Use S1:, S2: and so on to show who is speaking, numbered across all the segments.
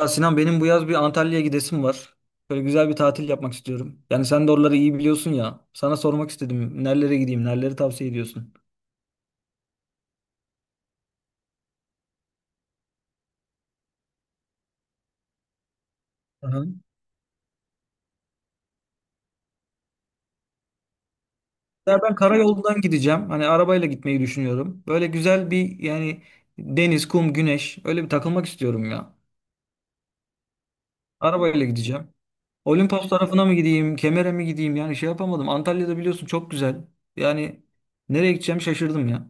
S1: Ya Sinan benim bu yaz bir Antalya'ya gidesim var. Böyle güzel bir tatil yapmak istiyorum. Yani sen de oraları iyi biliyorsun ya. Sana sormak istedim. Nerelere gideyim? Nereleri tavsiye ediyorsun? Aha. Ya ben karayolundan gideceğim. Hani arabayla gitmeyi düşünüyorum. Böyle güzel bir yani deniz, kum, güneş. Öyle bir takılmak istiyorum ya. Arabayla gideceğim. Olimpos tarafına mı gideyim? Kemer'e mi gideyim? Yani şey yapamadım. Antalya'da biliyorsun çok güzel. Yani nereye gideceğim şaşırdım ya.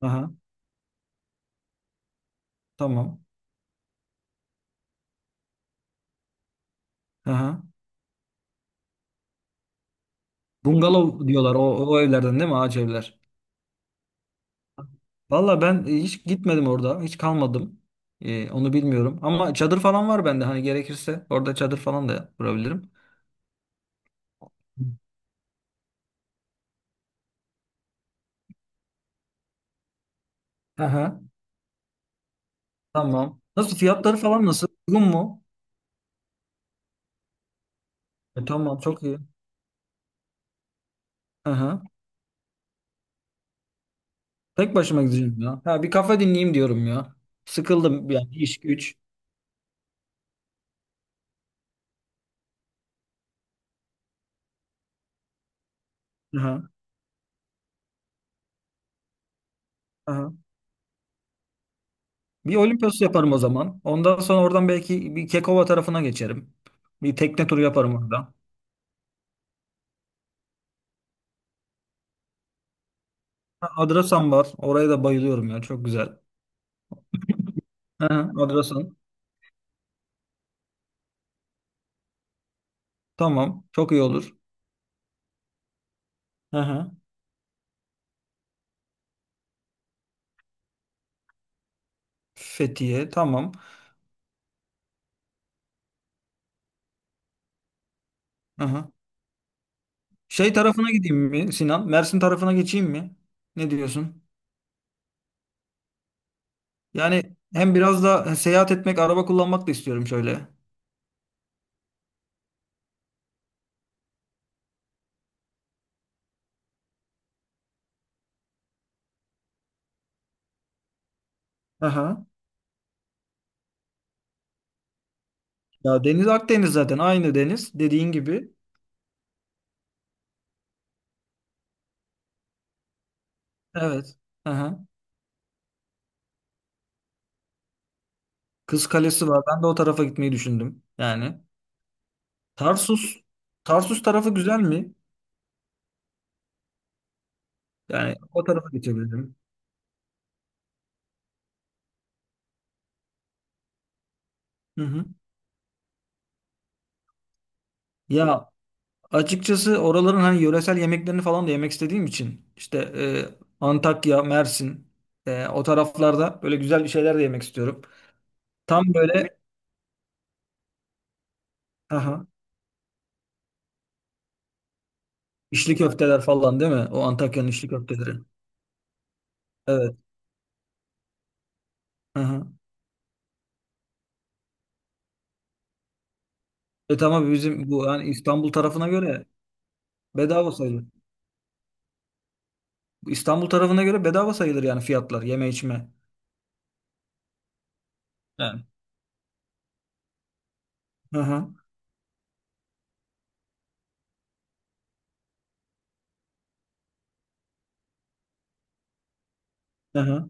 S1: Aha, tamam. Aha. Bungalov diyorlar o, o evlerden değil mi? Ağaç evler. Valla ben hiç gitmedim orada. Hiç kalmadım. Onu bilmiyorum. Ama çadır falan var bende. Hani gerekirse orada çadır falan da kurabilirim. Aha, tamam. Nasıl fiyatları falan nasıl? Uygun mu? E, tamam çok iyi. Aha. Tek başıma gideceğim ya. Ha, bir kafe dinleyeyim diyorum ya. Sıkıldım yani iş güç. Aha, aha. Bir Olimpos yaparım o zaman. Ondan sonra oradan belki bir Kekova tarafına geçerim. Bir tekne turu yaparım orada. Ha, Adrasan var. Oraya da bayılıyorum ya. Çok güzel. Aha, Adrasan. Tamam. Çok iyi olur. Hı hı. Fethiye. Tamam. Aha. Şey tarafına gideyim mi Sinan? Mersin tarafına geçeyim mi? Ne diyorsun? Yani hem biraz da seyahat etmek, araba kullanmak da istiyorum şöyle. Hı hı. Ya deniz Akdeniz zaten aynı deniz dediğin gibi. Evet. Aha. Kız Kalesi var. Ben de o tarafa gitmeyi düşündüm. Yani Tarsus Tarsus tarafı güzel mi? Yani o tarafa geçebilirim. Hı hı. Ya açıkçası oraların hani yöresel yemeklerini falan da yemek istediğim için işte Antakya, Mersin o taraflarda böyle güzel bir şeyler de yemek istiyorum. Tam böyle, aha, içli köfteler falan değil mi? O Antakya'nın içli köfteleri. Evet. Aha. E tamam, bizim bu yani İstanbul tarafına göre bedava sayılır. İstanbul tarafına göre bedava sayılır yani fiyatlar, yeme içme. Yani. Aha, aha,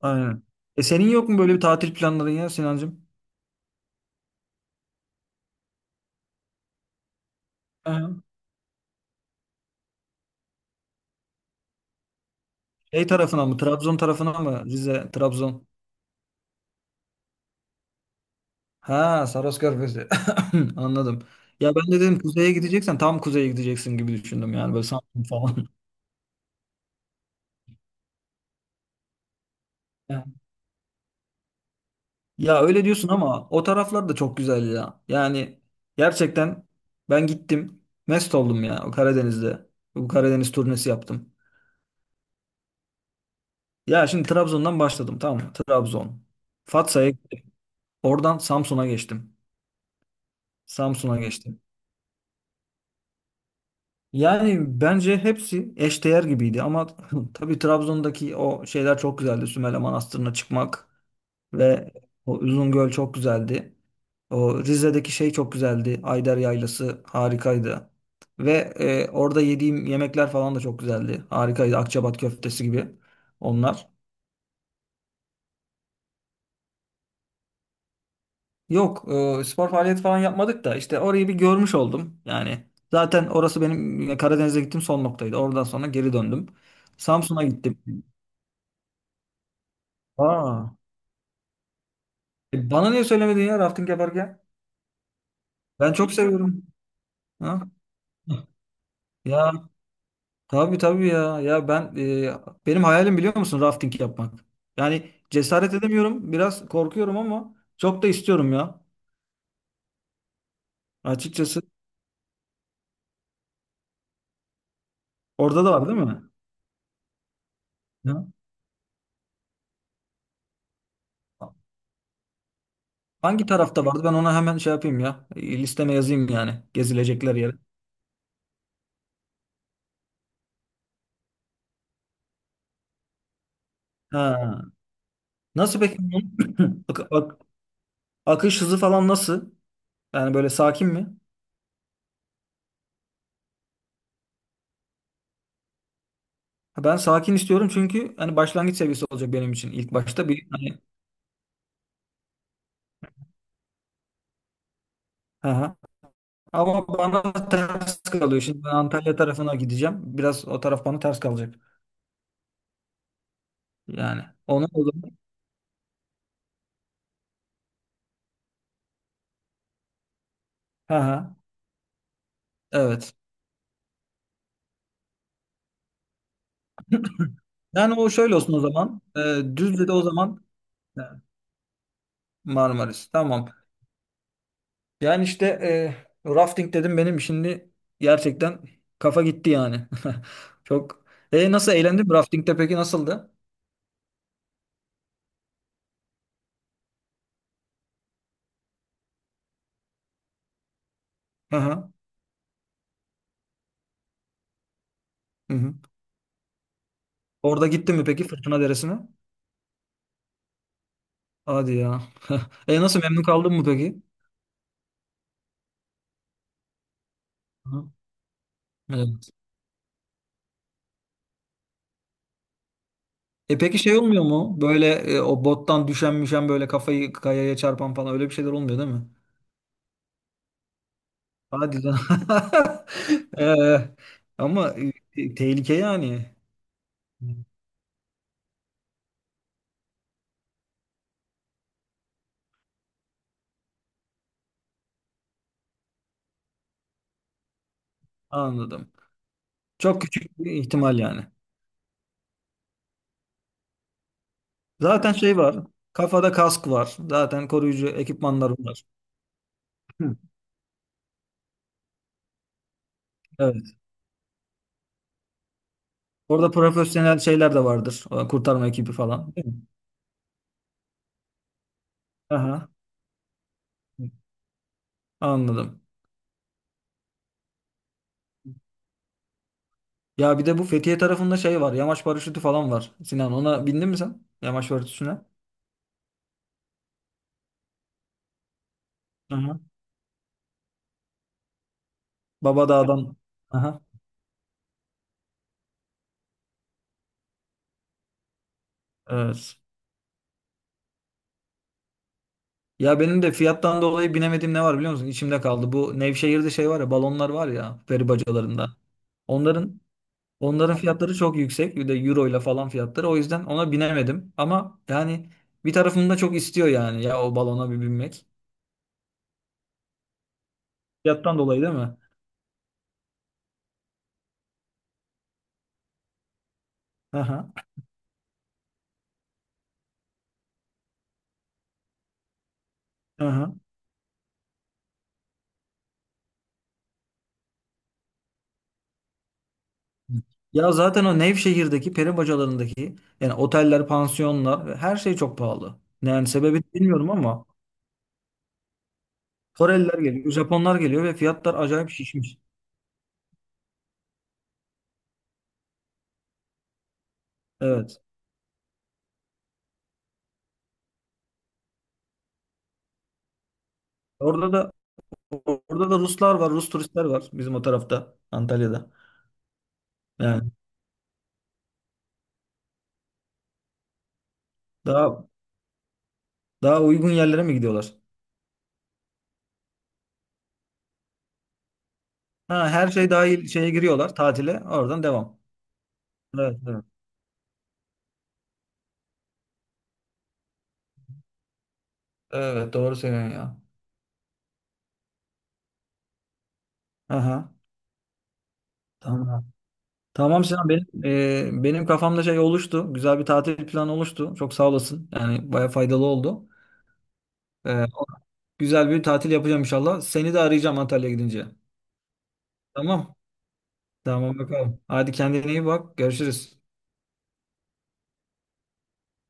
S1: aynen. E senin yok mu böyle bir tatil planların ya Sinancığım? Aha. Şey tarafına mı? Trabzon tarafına mı? Rize, Trabzon. Ha, Saros Körfezi. Anladım. Ya ben de dedim kuzeye gideceksen tam kuzeye gideceksin gibi düşündüm yani böyle Samsun falan. Ya Ya öyle diyorsun ama o taraflar da çok güzel ya. Yani gerçekten ben gittim. Mest oldum ya o Karadeniz'de. Bu Karadeniz turnesi yaptım. Ya şimdi Trabzon'dan başladım, tamam mı? Trabzon. Fatsa'ya, oradan Samsun'a geçtim. Samsun'a geçtim. Yani bence hepsi eşdeğer gibiydi ama tabii Trabzon'daki o şeyler çok güzeldi. Sümele Manastırı'na çıkmak. Ve o uzun çok güzeldi. O Rize'deki şey çok güzeldi. Ayder Yaylası harikaydı. Ve orada yediğim yemekler falan da çok güzeldi. Harikaydı. Akçabat köftesi gibi onlar. Yok, spor faaliyet falan yapmadık da işte orayı bir görmüş oldum. Yani zaten orası benim Karadeniz'e gittim son noktaydı. Oradan sonra geri döndüm. Samsun'a gittim. Aa, bana niye söylemedin ya rafting yaparken? Ben çok seviyorum. Ha? Ya tabii tabii ya. Ya ben benim hayalim biliyor musun rafting yapmak. Yani cesaret edemiyorum. Biraz korkuyorum ama çok da istiyorum ya. Açıkçası orada da var değil mi? Ya. Hangi tarafta vardı? Ben ona hemen şey yapayım ya. Listeme yazayım yani gezilecekler yere. Ha. Nasıl peki bunun ak- ak- akış hızı falan nasıl? Yani böyle sakin mi? Ha, ben sakin istiyorum çünkü hani başlangıç seviyesi olacak benim için ilk başta bir. Hani ama bana ters kalıyor. Şimdi ben Antalya tarafına gideceğim. Biraz o taraf bana ters kalacak. Yani ona o zaman. Hı. Ha. Evet. Yani o şöyle olsun o zaman. Düzce'de o zaman, e, Marmaris. Tamam. Yani işte rafting dedim, benim şimdi gerçekten kafa gitti yani. Çok. E nasıl, eğlendin mi? Rafting'de peki nasıldı? Hı hı. Hı hı. Orada gittin mi peki Fırtına Deresi'ne? Hadi ya. E nasıl, memnun kaldın mı peki? Hı. Evet. E peki şey olmuyor mu? Böyle o bottan düşen müşen, böyle kafayı kayaya çarpan falan, öyle bir şeyler olmuyor değil mi? Hadi lan. Ee, ama tehlike yani. Anladım. Çok küçük bir ihtimal yani. Zaten şey var. Kafada kask var. Zaten koruyucu ekipmanlar var. Hı. Evet. Orada profesyonel şeyler de vardır. O kurtarma ekibi falan. Değil mi? Aha. Anladım. Ya bir de bu Fethiye tarafında şey var. Yamaç paraşütü falan var. Sinan, ona bindin mi sen? Yamaç paraşütüne. Aha. Babadağ'dan. Aha. Evet. Ya benim de fiyattan dolayı binemediğim ne var biliyor musun? İçimde kaldı. Bu Nevşehir'de şey var ya, balonlar var ya, peri bacalarında. Onların onların fiyatları çok yüksek. Bir de euro ile falan fiyatları. O yüzden ona binemedim. Ama yani bir tarafım da çok istiyor yani ya, o balona bir binmek. Fiyattan dolayı değil mi? Aha. Aha. Ya zaten o Nevşehir'deki peri bacalarındaki yani oteller, pansiyonlar, her şey çok pahalı. Yani sebebi bilmiyorum ama Koreliler geliyor, Japonlar geliyor ve fiyatlar acayip şişmiş. Evet. Orada da orada da Ruslar var, Rus turistler var bizim o tarafta, Antalya'da. Yani daha daha uygun yerlere mi gidiyorlar? Ha, her şey dahil şeye giriyorlar tatile. Oradan devam. Evet, evet. Evet, doğru söylüyorsun ya. Aha. Tamam. Tamam Sinan, benim benim kafamda şey oluştu. Güzel bir tatil planı oluştu. Çok sağ olasın. Yani baya faydalı oldu. E, güzel bir tatil yapacağım inşallah. Seni de arayacağım Antalya'ya gidince. Tamam. Tamam bakalım. Hadi kendine iyi bak. Görüşürüz.